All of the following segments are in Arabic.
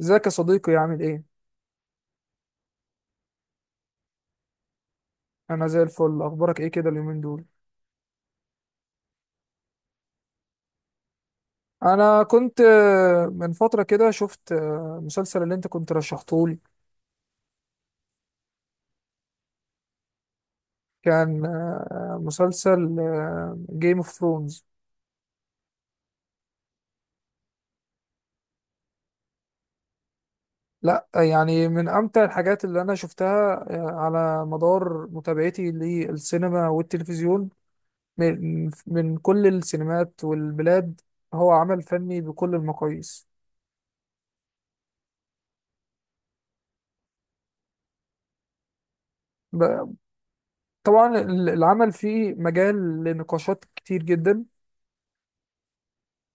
ازيك يا صديقي؟ عامل ايه؟ انا زي الفل. اخبارك ايه كده اليومين دول؟ انا كنت من فتره كده شفت مسلسل اللي انت كنت رشحتهولي. كان مسلسل جيم اوف ثرونز. لا يعني من امتع الحاجات اللي انا شفتها على مدار متابعتي للسينما والتلفزيون. من كل السينمات والبلاد. هو عمل فني بكل المقاييس. ب- طبعا العمل فيه مجال لنقاشات كتير جدا.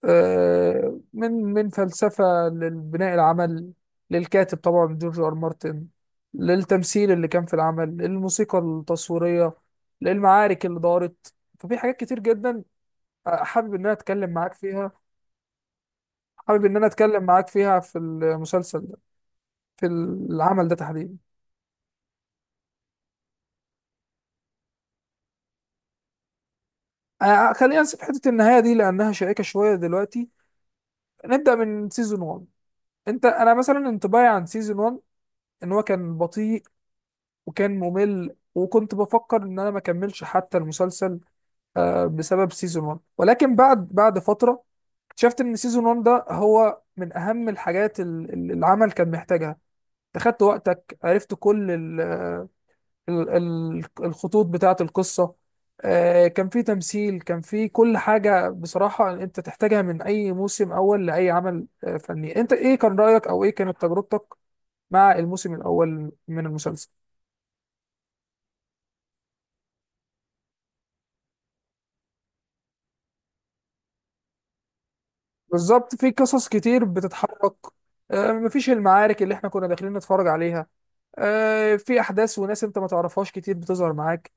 من فلسفة لبناء العمل، للكاتب طبعا جورج آر مارتن، للتمثيل اللي كان في العمل، للموسيقى التصويرية، للمعارك اللي دارت. ففي حاجات كتير جدا حابب ان انا اتكلم معاك فيها. حابب ان انا اتكلم معاك فيها في المسلسل ده، في العمل ده تحديدا. خلينا نسيب حتة النهاية دي لانها شائكة شوية دلوقتي. نبدأ من سيزون 1. انت انا مثلا انطباعي عن سيزون 1 ان هو كان بطيء وكان ممل، وكنت بفكر ان انا ما اكملش حتى المسلسل بسبب سيزون 1. ولكن بعد فتره اكتشفت ان سيزون 1 ده هو من اهم الحاجات العمل كان محتاجها. أنت خدت وقتك، عرفت كل الخطوط بتاعه القصه. كان في تمثيل، كان في كل حاجه بصراحه انت تحتاجها من اي موسم اول لاي عمل فني. انت ايه كان رايك او ايه كانت تجربتك مع الموسم الاول من المسلسل؟ بالظبط، في قصص كتير بتتحرك. مفيش المعارك اللي احنا كنا داخلين نتفرج عليها. في احداث وناس انت ما تعرفهاش كتير بتظهر معاك.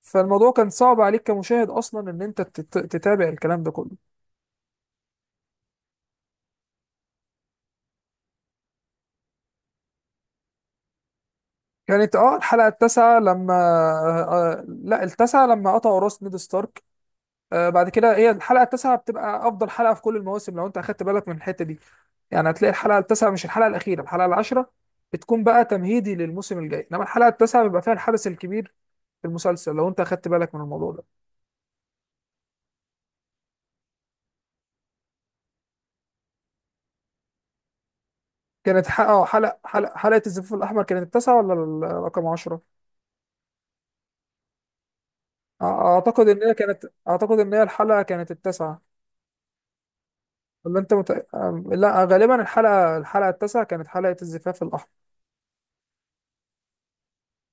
فالموضوع كان صعب عليك كمشاهد اصلا ان انت تتابع الكلام ده كله. كانت اه الحلقه التاسعه لما آه آه، لا التاسعه لما قطعوا راس نيد ستارك. آه بعد كده هي الحلقه التاسعه بتبقى افضل حلقه في كل المواسم لو انت اخدت بالك من الحته دي. يعني هتلاقي الحلقه التاسعه، مش الحلقه الاخيره الحلقه العاشره، بتكون بقى تمهيدي للموسم الجاي. انما الحلقه التاسعه بيبقى فيها الحدث الكبير في المسلسل، لو انت اخدت بالك من الموضوع ده. كانت حلقة الزفاف الاحمر كانت التاسعه ولا رقم 10؟ اعتقد ان هي كانت، اعتقد ان هي الحلقه كانت التاسعه. ولا انت مت... أم- لا غالبا الحلقه التاسعه كانت حلقه الزفاف الاحمر.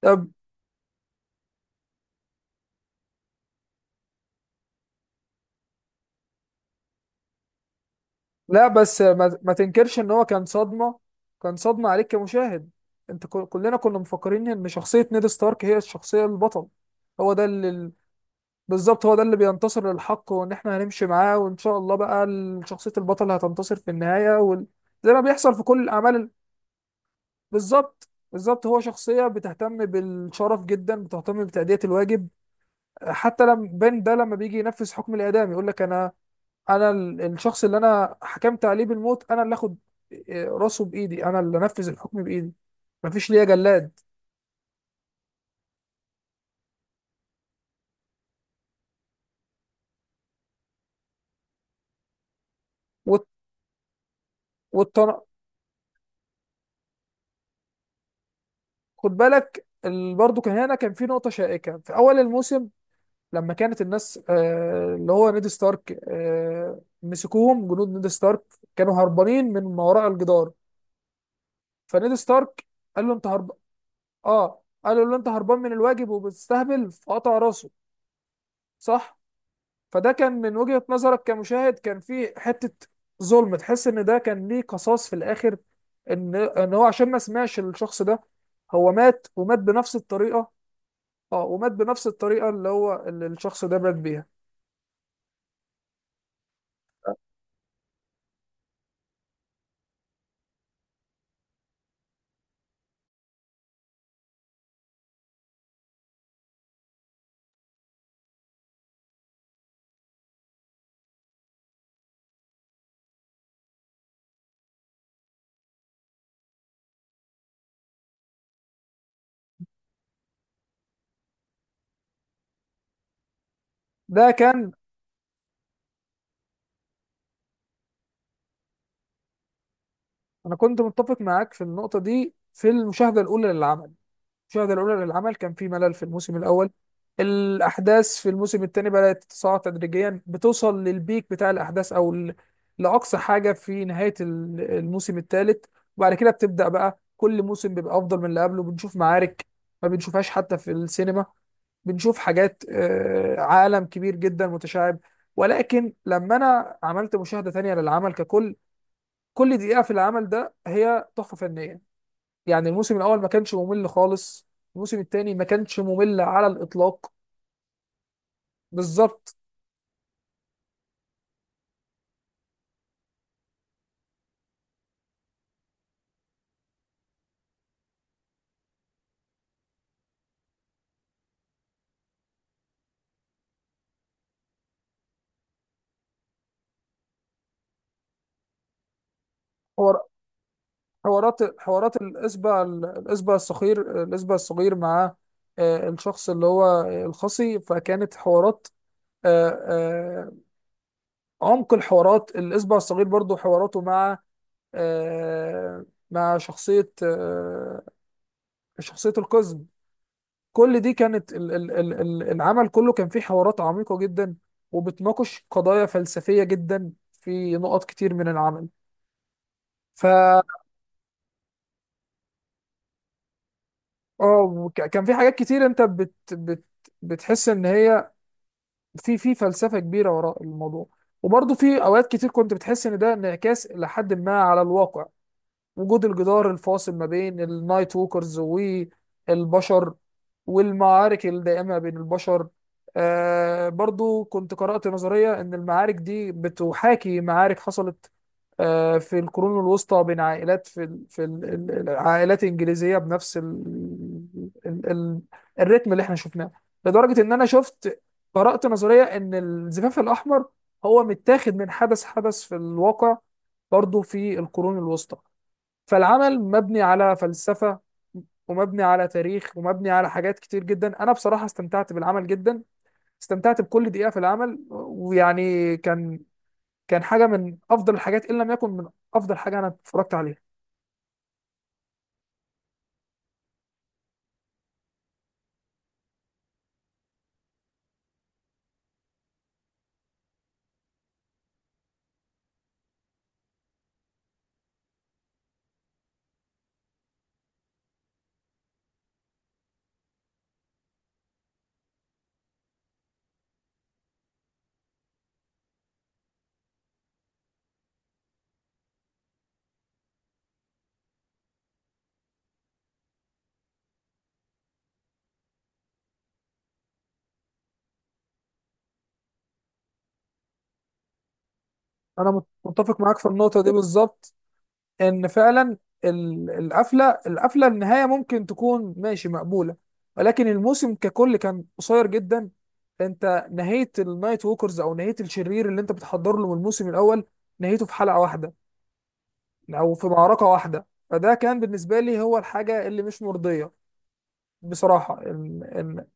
طب لا بس ما تنكرش ان هو كان صدمه. كان صدمه عليك كمشاهد. انت كلنا كنا مفكرين ان شخصيه نيد ستارك هي الشخصيه البطل، هو ده اللي. بالظبط، هو ده اللي بينتصر للحق، وان احنا هنمشي معاه وان شاء الله بقى شخصية البطل هتنتصر في النهاية وال... زي ما بيحصل في كل الاعمال بالظبط بالظبط، هو شخصية بتهتم بالشرف جدا، بتهتم بتأدية الواجب. حتى لما بين ده لما بيجي ينفذ حكم الإعدام يقول لك انا، انا الشخص اللي انا حكمت عليه بالموت انا اللي اخد راسه بايدي، انا اللي انفذ الحكم بايدي، مفيش ليا جلاد. والت... والتن... خد بالك برضه كان هنا كان في نقطة شائكة في أول الموسم. لما كانت الناس اللي هو نيد ستارك مسكوهم جنود نيد ستارك، كانوا هربانين من ما وراء الجدار. فنيد ستارك قال له انت هرب، اه قالوا له انت هربان من الواجب وبتستهبل، فقطع راسه. صح. فده كان من وجهة نظرك كمشاهد كان فيه حتة ظلم، تحس ان ده كان ليه قصاص في الاخر. ان ان هو عشان ما سمعش الشخص ده، هو مات ومات بنفس الطريقة. اه ومات بنفس الطريقة اللي هو اللي الشخص ده مات بيها. ده كان. انا كنت متفق معاك في النقطه دي في المشاهده الاولى للعمل. المشاهده الاولى للعمل كان في ملل في الموسم الاول. الاحداث في الموسم الثاني بدات تتصاعد تدريجيا، بتوصل للبيك بتاع الاحداث او لاقصى حاجه في نهايه الموسم الثالث. وبعد كده بتبدا بقى كل موسم بيبقى افضل من اللي قبله. بنشوف معارك ما بنشوفهاش حتى في السينما، بنشوف حاجات عالم كبير جدا متشعب. ولكن لما انا عملت مشاهده تانية للعمل ككل، كل دقيقة في العمل ده هي تحفة فنية. يعني الموسم الأول ما كانش ممل خالص، الموسم الثاني ما كانش ممل على الإطلاق. بالظبط. حوار- حوارات الإسبة، الإسبة الصغير مع الشخص اللي هو الخصي، فكانت حوارات آه، آه، عمق. الحوارات الإسبة الصغير برضو حواراته مع آه، مع شخصية شخصية القزم. كل دي كانت العمل كله كان فيه حوارات عميقة جدا، وبتناقش قضايا فلسفية جدا في نقط كتير من العمل. ف اه كان في حاجات كتير انت بتحس ان هي في في فلسفة كبيرة وراء الموضوع. وبرضه في اوقات كتير كنت بتحس ان ده انعكاس لحد ما على الواقع. وجود الجدار الفاصل ما بين النايت ووكرز والبشر، والمعارك الدائمة بين البشر. آه برضو كنت قرأت نظرية إن المعارك دي بتحاكي معارك حصلت آه في القرون الوسطى بين عائلات في العائلات الإنجليزية بنفس ال ال ال الريتم اللي احنا شفناه. لدرجة إن أنا شفت، قرأت نظرية إن الزفاف الأحمر هو متاخد من حدث في الواقع برضو في القرون الوسطى. فالعمل مبني على فلسفة، ومبني على تاريخ، ومبني على حاجات كتير جدا. انا بصراحة استمتعت بالعمل جدا، استمتعت بكل دقيقة في العمل. ويعني كان كان حاجة من افضل الحاجات ان لم يكن من افضل حاجة انا اتفرجت عليها. انا متفق معاك في النقطة دي بالظبط. ان فعلا القفله النهايه ممكن تكون ماشي مقبوله، ولكن الموسم ككل كان قصير جدا. انت نهيت النايت ووكرز، او نهيت الشرير اللي انت بتحضر له من الموسم الاول، نهيته في حلقه واحده او في معركه واحده. فده كان بالنسبه لي هو الحاجه اللي مش مرضيه بصراحه.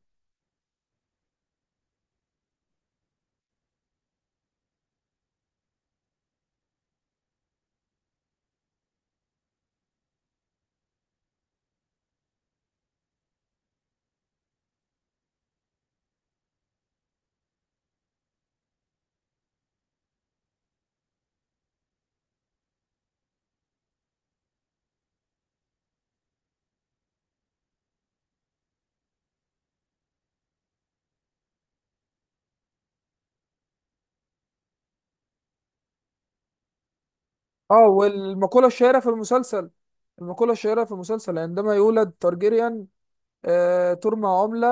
اه والمقوله الشهيره في المسلسل، المقولة الشهيرة في المسلسل، عندما يولد تارجيريان ترمى عملة،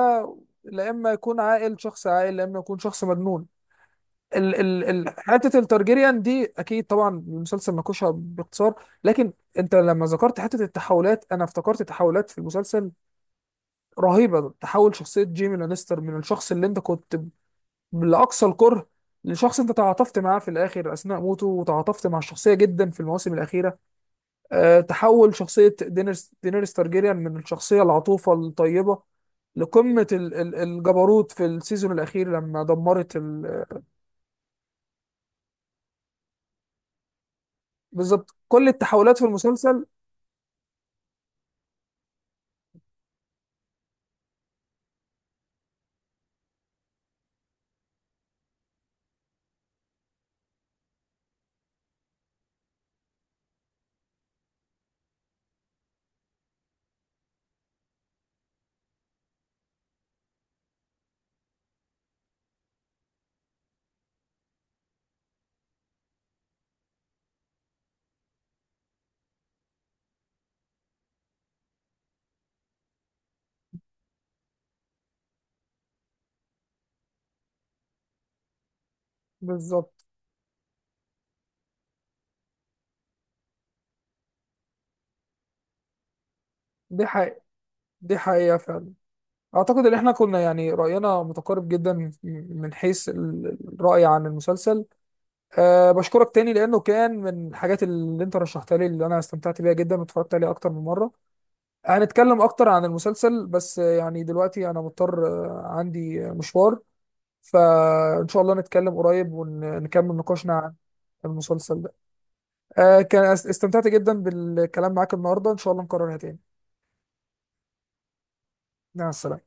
لا إما يكون عاقل شخص عاقل، لا إما يكون شخص مجنون. ال ال ال حته التارجيريان دي اكيد طبعا المسلسل ناقشها باختصار. لكن انت لما ذكرت حته التحولات انا افتكرت تحولات في المسلسل رهيبه. تحول شخصيه جيمي لانستر من الشخص اللي انت كنت لاقصى الكره، لشخص انت تعاطفت معاه في الاخر اثناء موته، وتعاطفت مع الشخصيه جدا في المواسم الاخيره. أه تحول شخصيه دينيرس، دينيرس تارجيريان، من الشخصيه العطوفه الطيبه لقمه الجبروت في السيزون الاخير لما دمرت ال... بالظبط كل التحولات في المسلسل. بالظبط. دي حقيقة، دي حقيقة فعلا. أعتقد إن إحنا كنا يعني رأينا متقارب جدا من من حيث الرأي عن المسلسل. أه بشكرك تاني لأنه كان من الحاجات اللي أنت رشحتها لي اللي أنا استمتعت بيها جدا واتفرجت عليها أكتر من مرة. هنتكلم أكتر عن المسلسل، بس يعني دلوقتي أنا مضطر، عندي مشوار. فإن شاء الله نتكلم قريب ونكمل نقاشنا عن المسلسل ده. أه كان استمتعت جدا بالكلام معاك النهاردة، إن شاء الله نكررها تاني. مع السلامة.